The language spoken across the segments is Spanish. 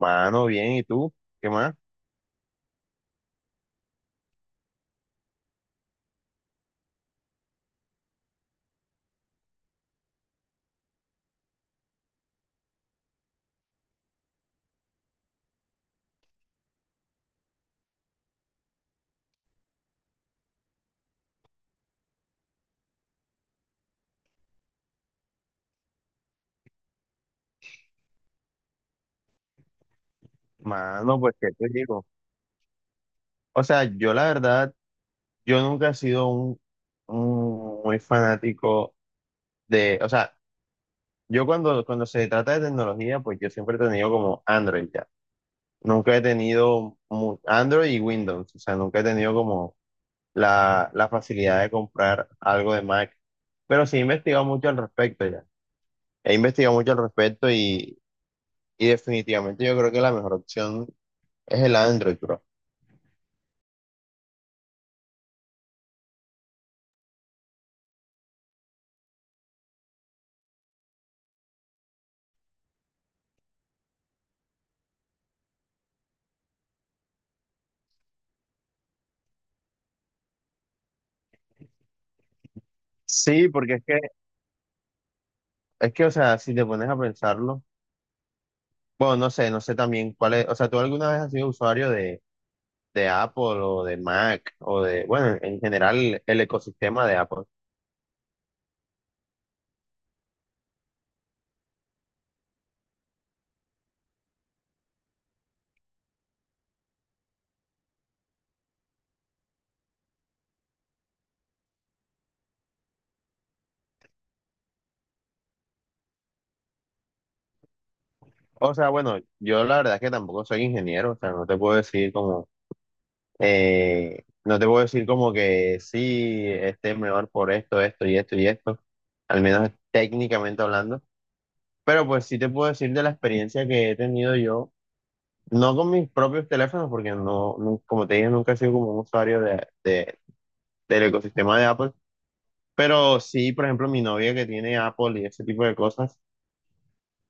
Mano, bien, ¿y tú? ¿Qué más? Mano, pues, ¿qué te digo? O sea, yo la verdad, yo nunca he sido un muy fanático de, o sea, yo cuando se trata de tecnología, pues yo siempre he tenido como Android ya. Nunca he tenido mu- Android y Windows, o sea, nunca he tenido como la facilidad de comprar algo de Mac, pero sí he investigado mucho al respecto ya. He investigado mucho al respecto y definitivamente yo creo que la mejor opción es el Android, bro. Sí, porque es que es que, o sea, si te pones a pensarlo, bueno, no sé también cuál es, o sea, ¿tú alguna vez has sido de Apple o de Mac o de, bueno, en general el ecosistema de Apple? O sea, bueno, yo la verdad es que tampoco soy ingeniero, o sea, no te puedo decir como, no te puedo decir como que sí, este es mejor por esto, esto y esto, al menos técnicamente hablando, pero pues sí te puedo decir de la experiencia que he tenido yo. No con mis propios teléfonos, porque no, nu- como te dije, nunca he sido como un de del ecosistema de Apple. Pero sí, por ejemplo, mi novia que tiene Apple y ese tipo de cosas,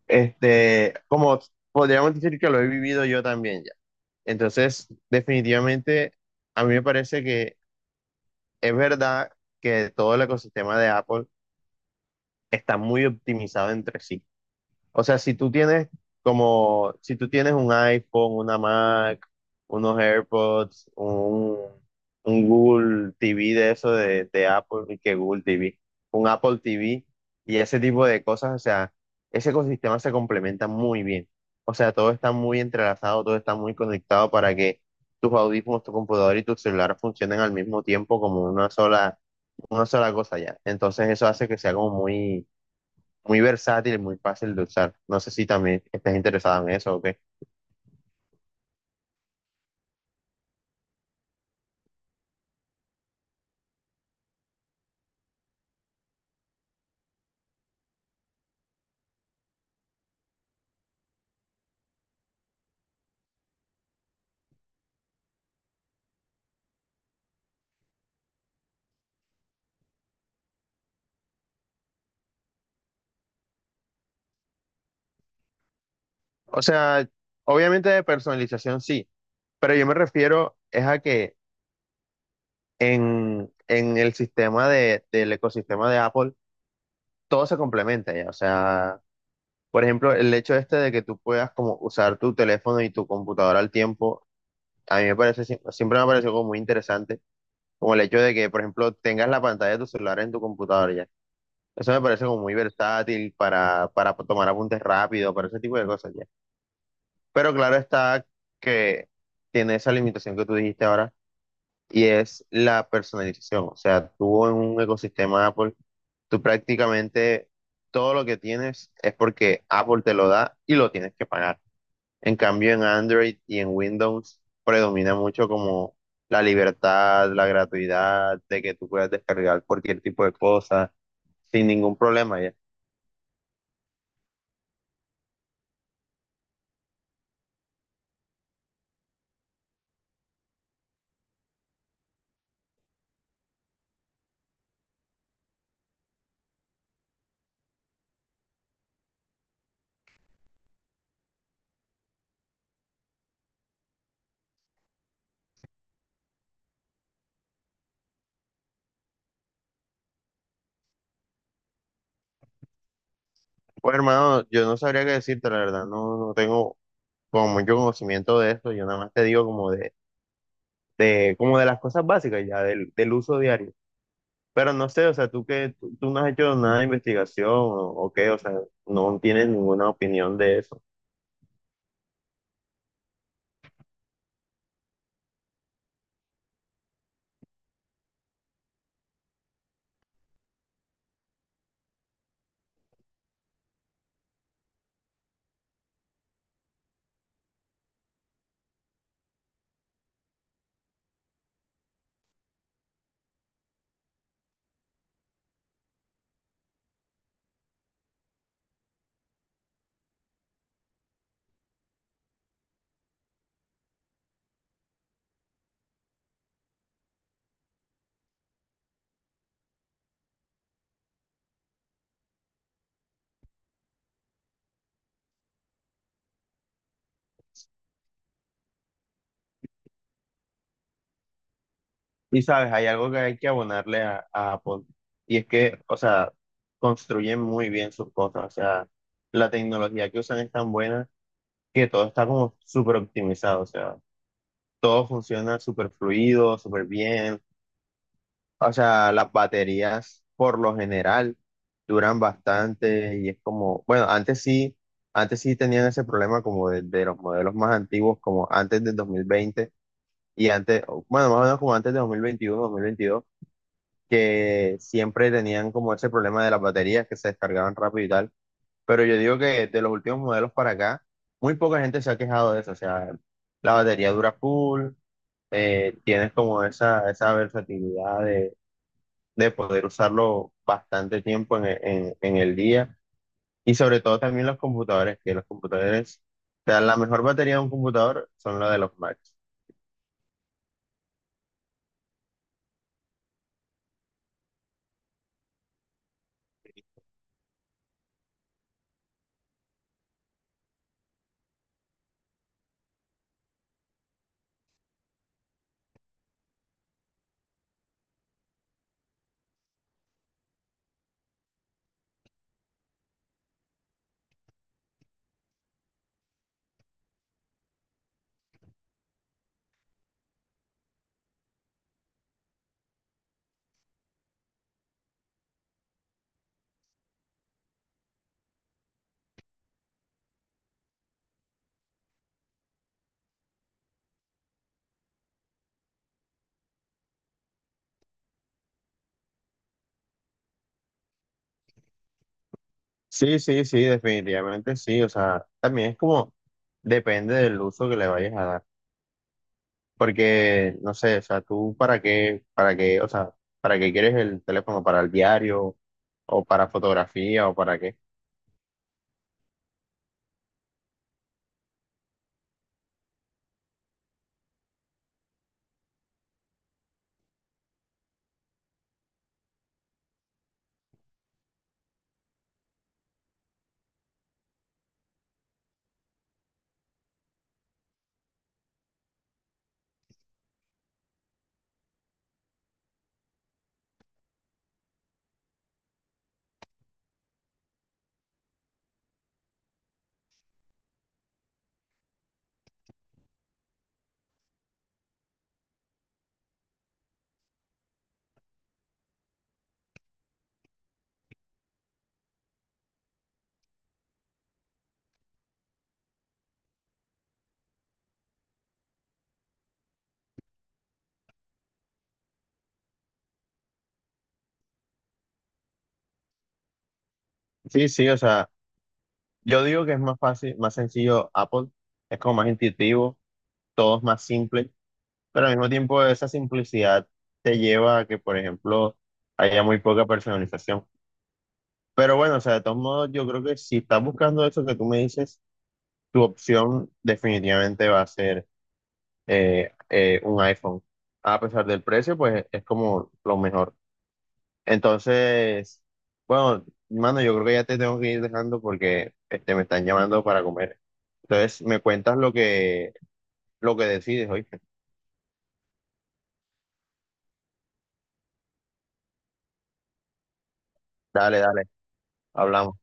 este, como podríamos decir que lo he vivido yo también ya. Entonces, definitivamente, a mí me parece que es verdad que todo el ecosistema de Apple está muy optimizado entre sí. O sea, si tú tienes como, si tú tienes un iPhone, una Mac, unos AirPods, un Google TV de eso de Apple, y que Google TV, un Apple TV y ese tipo de cosas, o sea, ese ecosistema se complementa muy bien. O sea, todo está muy entrelazado, todo está muy conectado para que tus audífonos, tu computador y tu celular funcionen al mismo tiempo como una sola cosa ya. Entonces eso hace que sea como muy versátil y muy fácil de usar. No sé si también estás interesada en eso o qué. O sea, obviamente de personalización sí, pero yo me refiero es a que en el sistema de, del ecosistema de Apple todo se complementa ya. O sea, por ejemplo, el hecho este de que tú puedas como usar tu teléfono y tu computadora al tiempo, a mí me parece, sie- siempre me ha parecido como muy interesante, como el hecho de que, por ejemplo, tengas la pantalla de tu celular en tu computadora ya. Eso me parece como muy versátil para tomar apuntes rápido, para ese tipo de cosas ya. Pero claro está que tiene esa limitación que tú dijiste ahora y es la personalización. O sea, tú en un ecosistema Apple, tú prácticamente todo lo que tienes es porque Apple te lo da y lo tienes que pagar. En cambio, en Android y en Windows predomina mucho como la libertad, la gratuidad, de que tú puedas descargar cualquier tipo de cosa sin ningún problema ya. Pues hermano, yo no sabría qué decirte, la verdad, no tengo como mucho conocimiento de eso, yo nada más te digo como de, como de las cosas básicas ya, del, del uso diario. Pero no sé, o sea, tú no has hecho nada de investigación o qué, o sea, no tienes ninguna opinión de eso. Y sabes, hay algo que hay que abonarle a Apple, y es que, o sea, construyen muy bien sus cosas, o sea, la tecnología que usan es tan buena que todo está como súper optimizado, o sea todo funciona súper fluido, súper bien. O sea, las baterías por lo general duran bastante y es como, bueno, antes sí tenían ese problema como de los modelos más antiguos, como antes del 2020 y antes, o, bueno, más o menos como antes de 2021 2022 que siempre tenían como ese problema de las baterías que se descargaban rápido y tal. Pero yo digo que de los últimos modelos para acá, muy poca gente se ha quejado de eso. O sea, la batería dura full, tienes como esa versatilidad de poder usarlo bastante tiempo en, e- en- en el día y sobre todo también los computadores, que los computadores, o sea, la mejor batería de un computador son los de los Macs. Sí, sí, sí, definitivamente sí, o sea, también es como depende del uso que le vayas a dar, porque no sé, o sea, para qué, o sea, para qué quieres el teléfono, para el diario o para fotografía o para qué. Sí, sí, o sea, yo digo que es más fácil, más sencillo Apple, es como más intuitivo, todo es más simple. Pero al mismo tiempo esa simplicidad te lleva a que, por ejemplo, haya muy poca personalización. Pero bueno, o sea, de todos modos, yo creo que si estás buscando eso que tú me dices, tu opción definitivamente va a ser un iPhone. A pesar del precio, pues es como lo mejor. Entonces, bueno, mano, yo creo que ya te tengo que ir dejando porque este, me están llamando para comer. Entonces, me cuentas lo que decides, oye. Dale, dale, hablamos.